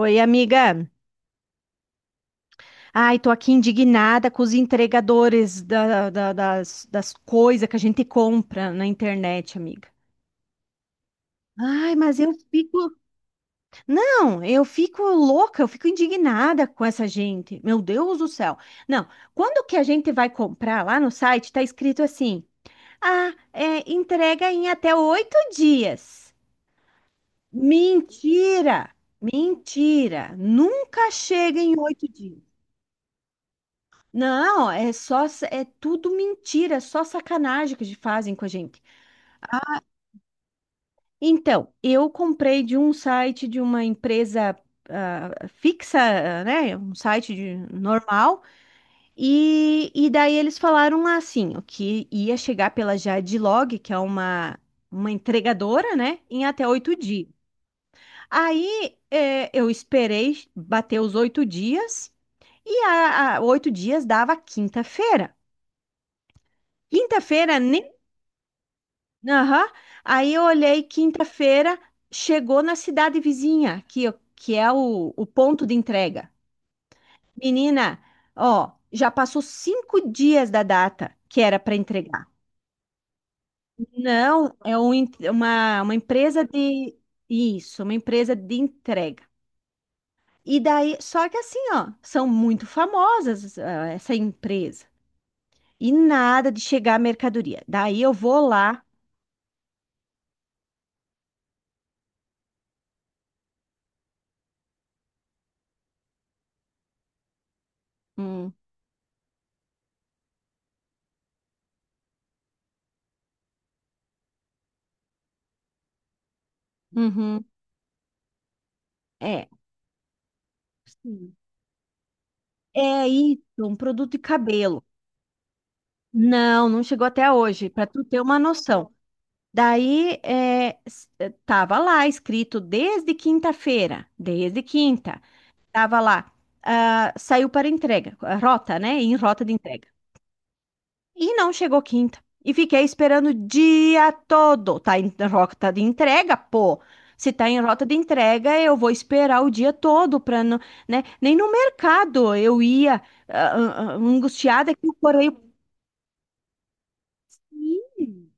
Oi, amiga. Ai, tô aqui indignada com os entregadores das coisas que a gente compra na internet, amiga. Ai, mas eu fico. Não, eu fico louca, eu fico indignada com essa gente. Meu Deus do céu. Não, quando que a gente vai comprar lá no site, tá escrito assim: ah, é, entrega em até 8 dias. Mentira! Mentira! Nunca chega em 8 dias. Não, é tudo mentira, é só sacanagem que eles fazem com a gente. Então, eu comprei de um site de uma empresa ah, fixa, ah, né, um site normal, e daí eles falaram lá assim, o que ia chegar pela Jadlog, que é uma entregadora, né, em até 8 dias. Aí eu esperei bater os 8 dias, e 8 dias dava quinta-feira. Quinta-feira nem. Aham. Aí eu olhei quinta-feira, chegou na cidade vizinha, que é o ponto de entrega. Menina, ó, já passou 5 dias da data que era para entregar. Não, é um uma empresa de. Isso, uma empresa de entrega. E daí, só que assim, ó, são muito famosas, ah, essa empresa. E nada de chegar a mercadoria. Daí eu vou lá. Hum. Uhum. É. É isso, um produto de cabelo. Não, não chegou até hoje, para tu ter uma noção. Daí, é, tava lá escrito desde quinta-feira, desde quinta, tava lá, ah, saiu para entrega, a rota, né? Em rota de entrega. E não chegou quinta. E fiquei esperando o dia todo. Tá em rota de entrega, pô. Se tá em rota de entrega, eu vou esperar o dia todo para não, né? Nem no mercado eu ia angustiada que o correio. Sim.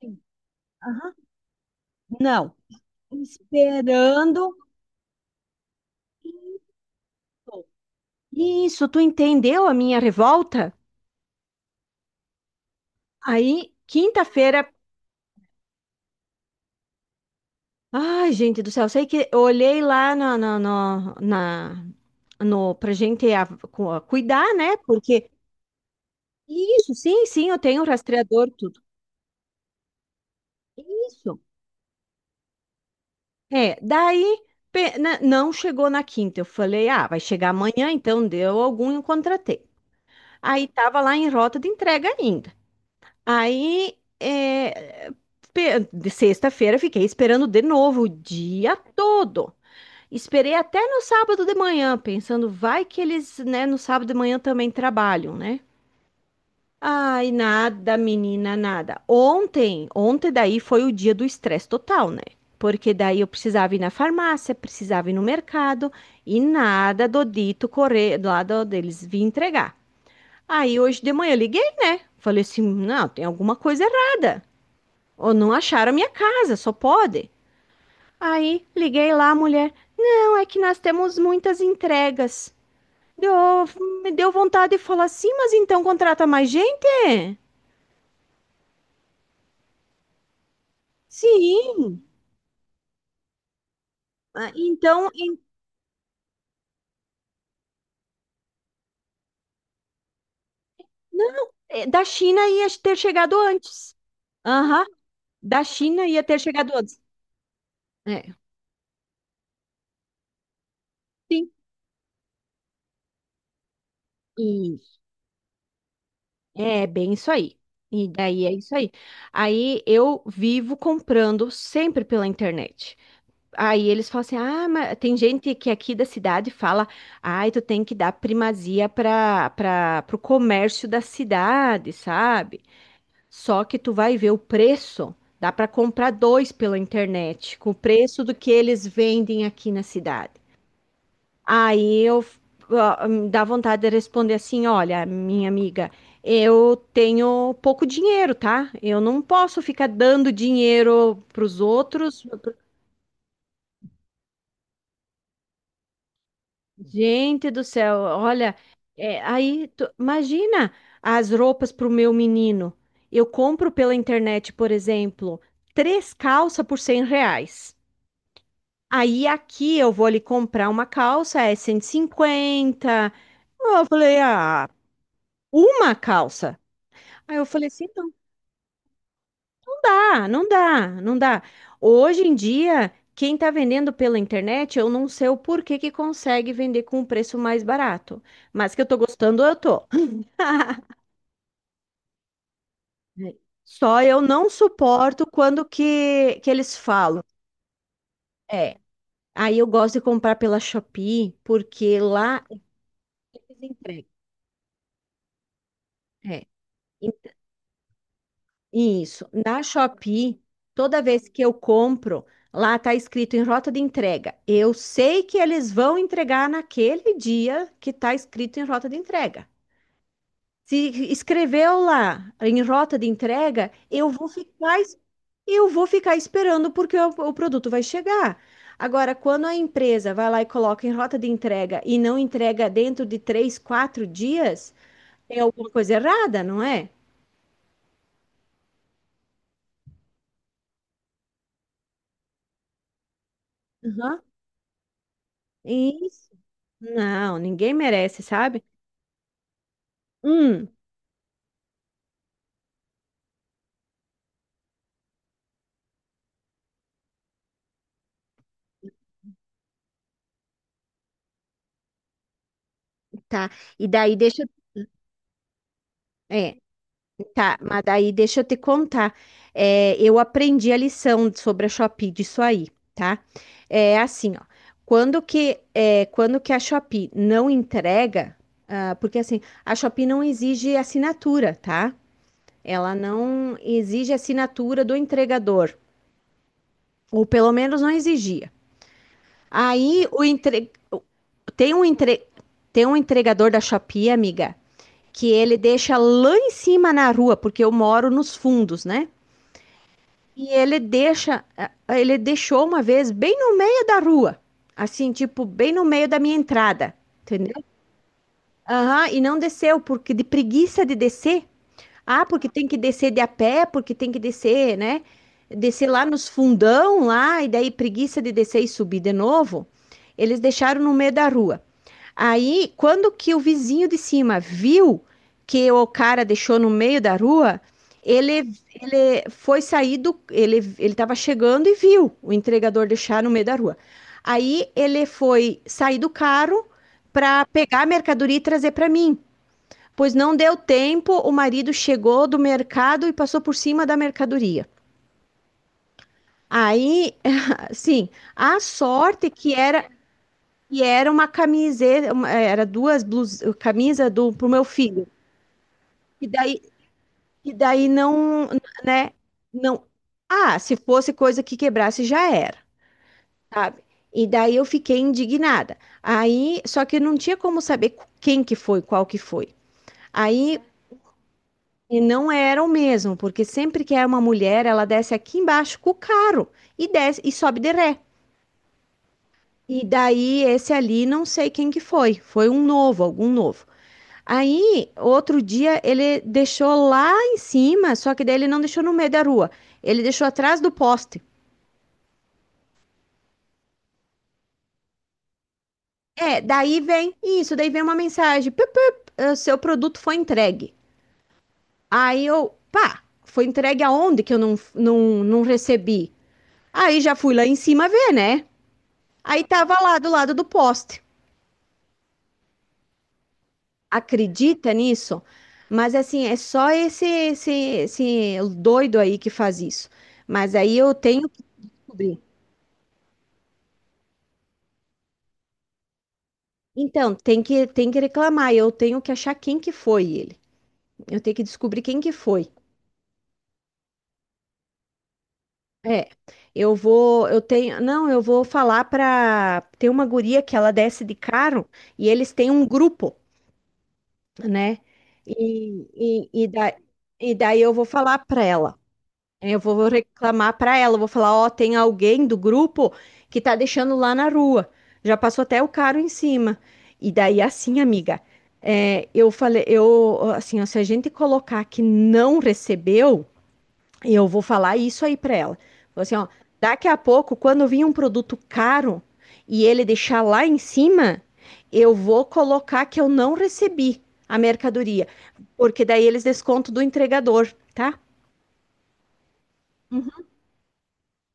Sim. Aham. Não. Esperando. Isso. Isso, tu entendeu a minha revolta? Aí, quinta-feira. Ai, gente do céu, sei que eu olhei lá no, pra gente a cuidar, né? Porque. Isso, sim, sim, eu tenho rastreador, tudo. Isso. É, daí não chegou na quinta. Eu falei, ah, vai chegar amanhã, então deu algum, e eu contratei. Aí tava lá em rota de entrega ainda. Aí, é, de sexta-feira, fiquei esperando de novo o dia todo. Esperei até no sábado de manhã, pensando, vai que eles, né, no sábado de manhã também trabalham, né? Ai, nada, menina, nada. Ontem, ontem daí foi o dia do estresse total, né? Porque daí eu precisava ir na farmácia, precisava ir no mercado e nada do dito correr lá deles vir entregar. Aí hoje de manhã eu liguei, né? Falei assim, não, tem alguma coisa errada. Ou não acharam a minha casa, só pode. Aí liguei lá, a mulher. Não, é que nós temos muitas entregas. Deu, me deu vontade de falar assim, mas então contrata mais gente? Sim. Ah, então, não, é, da China ia ter chegado antes. Aham, da China ia ter chegado antes. É, sim. E é bem isso aí. E daí é isso aí. Aí eu vivo comprando sempre pela internet. Aí eles falam assim: ah, mas tem gente que aqui da cidade fala, ai, tu tem que dar primazia para pro comércio da cidade, sabe? Só que tu vai ver o preço, dá para comprar dois pela internet, com o preço do que eles vendem aqui na cidade. Aí eu ó, me dá vontade de responder assim: olha, minha amiga, eu tenho pouco dinheiro, tá? Eu não posso ficar dando dinheiro para os outros. Gente do céu, olha, é, aí imagina as roupas para o meu menino. Eu compro pela internet, por exemplo, três calças por R$ 100. Aí aqui eu vou ali comprar uma calça, é 150. Eu falei, ah, uma calça. Aí eu falei assim, "Então, não dá, não dá, não dá." Hoje em dia, quem está vendendo pela internet, eu não sei o porquê que consegue vender com um preço mais barato. Mas que eu tô gostando, eu tô. Só eu não suporto quando que eles falam. É. Aí eu gosto de comprar pela Shopee, porque lá eles entregam. É. E- Isso. Na Shopee, toda vez que eu compro, lá tá escrito em rota de entrega. Eu sei que eles vão entregar naquele dia que tá escrito em rota de entrega. Se escreveu lá em rota de entrega, eu vou ficar esperando porque o produto vai chegar. Agora, quando a empresa vai lá e coloca em rota de entrega e não entrega dentro de 3, 4 dias, tem alguma coisa errada, não é? Aham. Isso. Não, ninguém merece, sabe? Hum. Tá. E daí deixa. É. Tá, mas daí deixa eu te contar. É, eu aprendi a lição sobre a Shopee disso aí, tá? É assim, ó. Quando que a Shopee não entrega, ah, porque assim, a Shopee não exige assinatura, tá? Ela não exige assinatura do entregador, ou pelo menos não exigia. Aí o entre... tem um entregador da Shopee, amiga, que ele deixa lá em cima na rua, porque eu moro nos fundos, né? E ele deixa, eh, ele deixou uma vez bem no meio da rua, assim, tipo, bem no meio da minha entrada, entendeu? Aham, e não desceu, porque de preguiça de descer, ah, porque tem que descer de a pé, porque tem que descer, né? Descer lá nos fundão lá, e daí preguiça de descer e subir de novo. Eles deixaram no meio da rua. Aí, quando que o vizinho de cima viu que o cara deixou no meio da rua, ele, ele foi sair do. Ele estava chegando e viu o entregador deixar no meio da rua. Aí ele foi sair do carro para pegar a mercadoria e trazer para mim. Pois não deu tempo, o marido chegou do mercado e passou por cima da mercadoria. Aí, sim, a sorte que era uma camiseta, era duas blusas, camisa do pro meu filho. E daí, e daí não, né, não. Ah, se fosse coisa que quebrasse já era, sabe? E daí eu fiquei indignada. Aí, só que não tinha como saber quem que foi, qual que foi. Aí. E não eram mesmo, porque sempre que é uma mulher, ela desce aqui embaixo com o carro e desce e sobe de ré. E daí esse ali, não sei quem que foi, foi um novo, algum novo. Aí, outro dia, ele deixou lá em cima, só que daí ele não deixou no meio da rua, ele deixou atrás do poste. É, daí vem isso, daí vem uma mensagem, "Pup, pup, seu produto foi entregue." Aí eu, pá, foi entregue aonde que eu não recebi? Aí já fui lá em cima ver, né? Aí tava lá do lado do poste. Acredita nisso? Mas assim, é só esse doido aí que faz isso. Mas aí eu tenho que descobrir. Então, tem que reclamar. Eu tenho que achar quem que foi ele. Eu tenho que descobrir quem que foi. É, eu vou, eu tenho, não, eu vou falar pra. Tem uma guria que ela desce de carro e eles têm um grupo, né? E, e, e, da, e daí eu vou falar pra ela. Eu vou reclamar pra ela, eu vou falar, ó, tem alguém do grupo que tá deixando lá na rua. Já passou até o caro em cima. E daí assim, amiga, é, eu falei, eu assim, ó, se a gente colocar que não recebeu, eu vou falar isso aí pra ela. Vou assim, ó, daqui a pouco, quando vir um produto caro e ele deixar lá em cima, eu vou colocar que eu não recebi a mercadoria, porque daí eles descontam do entregador, tá?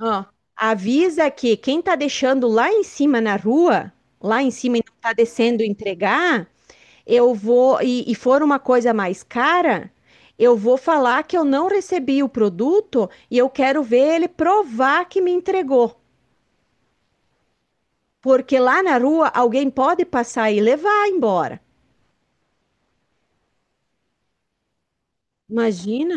Ó, avisa que quem tá deixando lá em cima na rua, lá em cima e não tá descendo entregar, e for uma coisa mais cara, eu vou falar que eu não recebi o produto e eu quero ver ele provar que me entregou. Porque lá na rua alguém pode passar e levar embora. Imagina?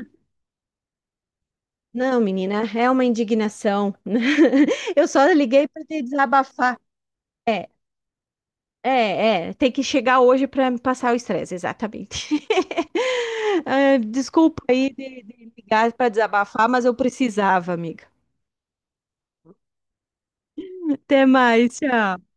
Não, menina, é uma indignação. Eu só liguei para te desabafar. É, é, tem que chegar hoje para me passar o estresse, exatamente. Ah, desculpa aí de ligar para desabafar, mas eu precisava, amiga. Até mais, tchau.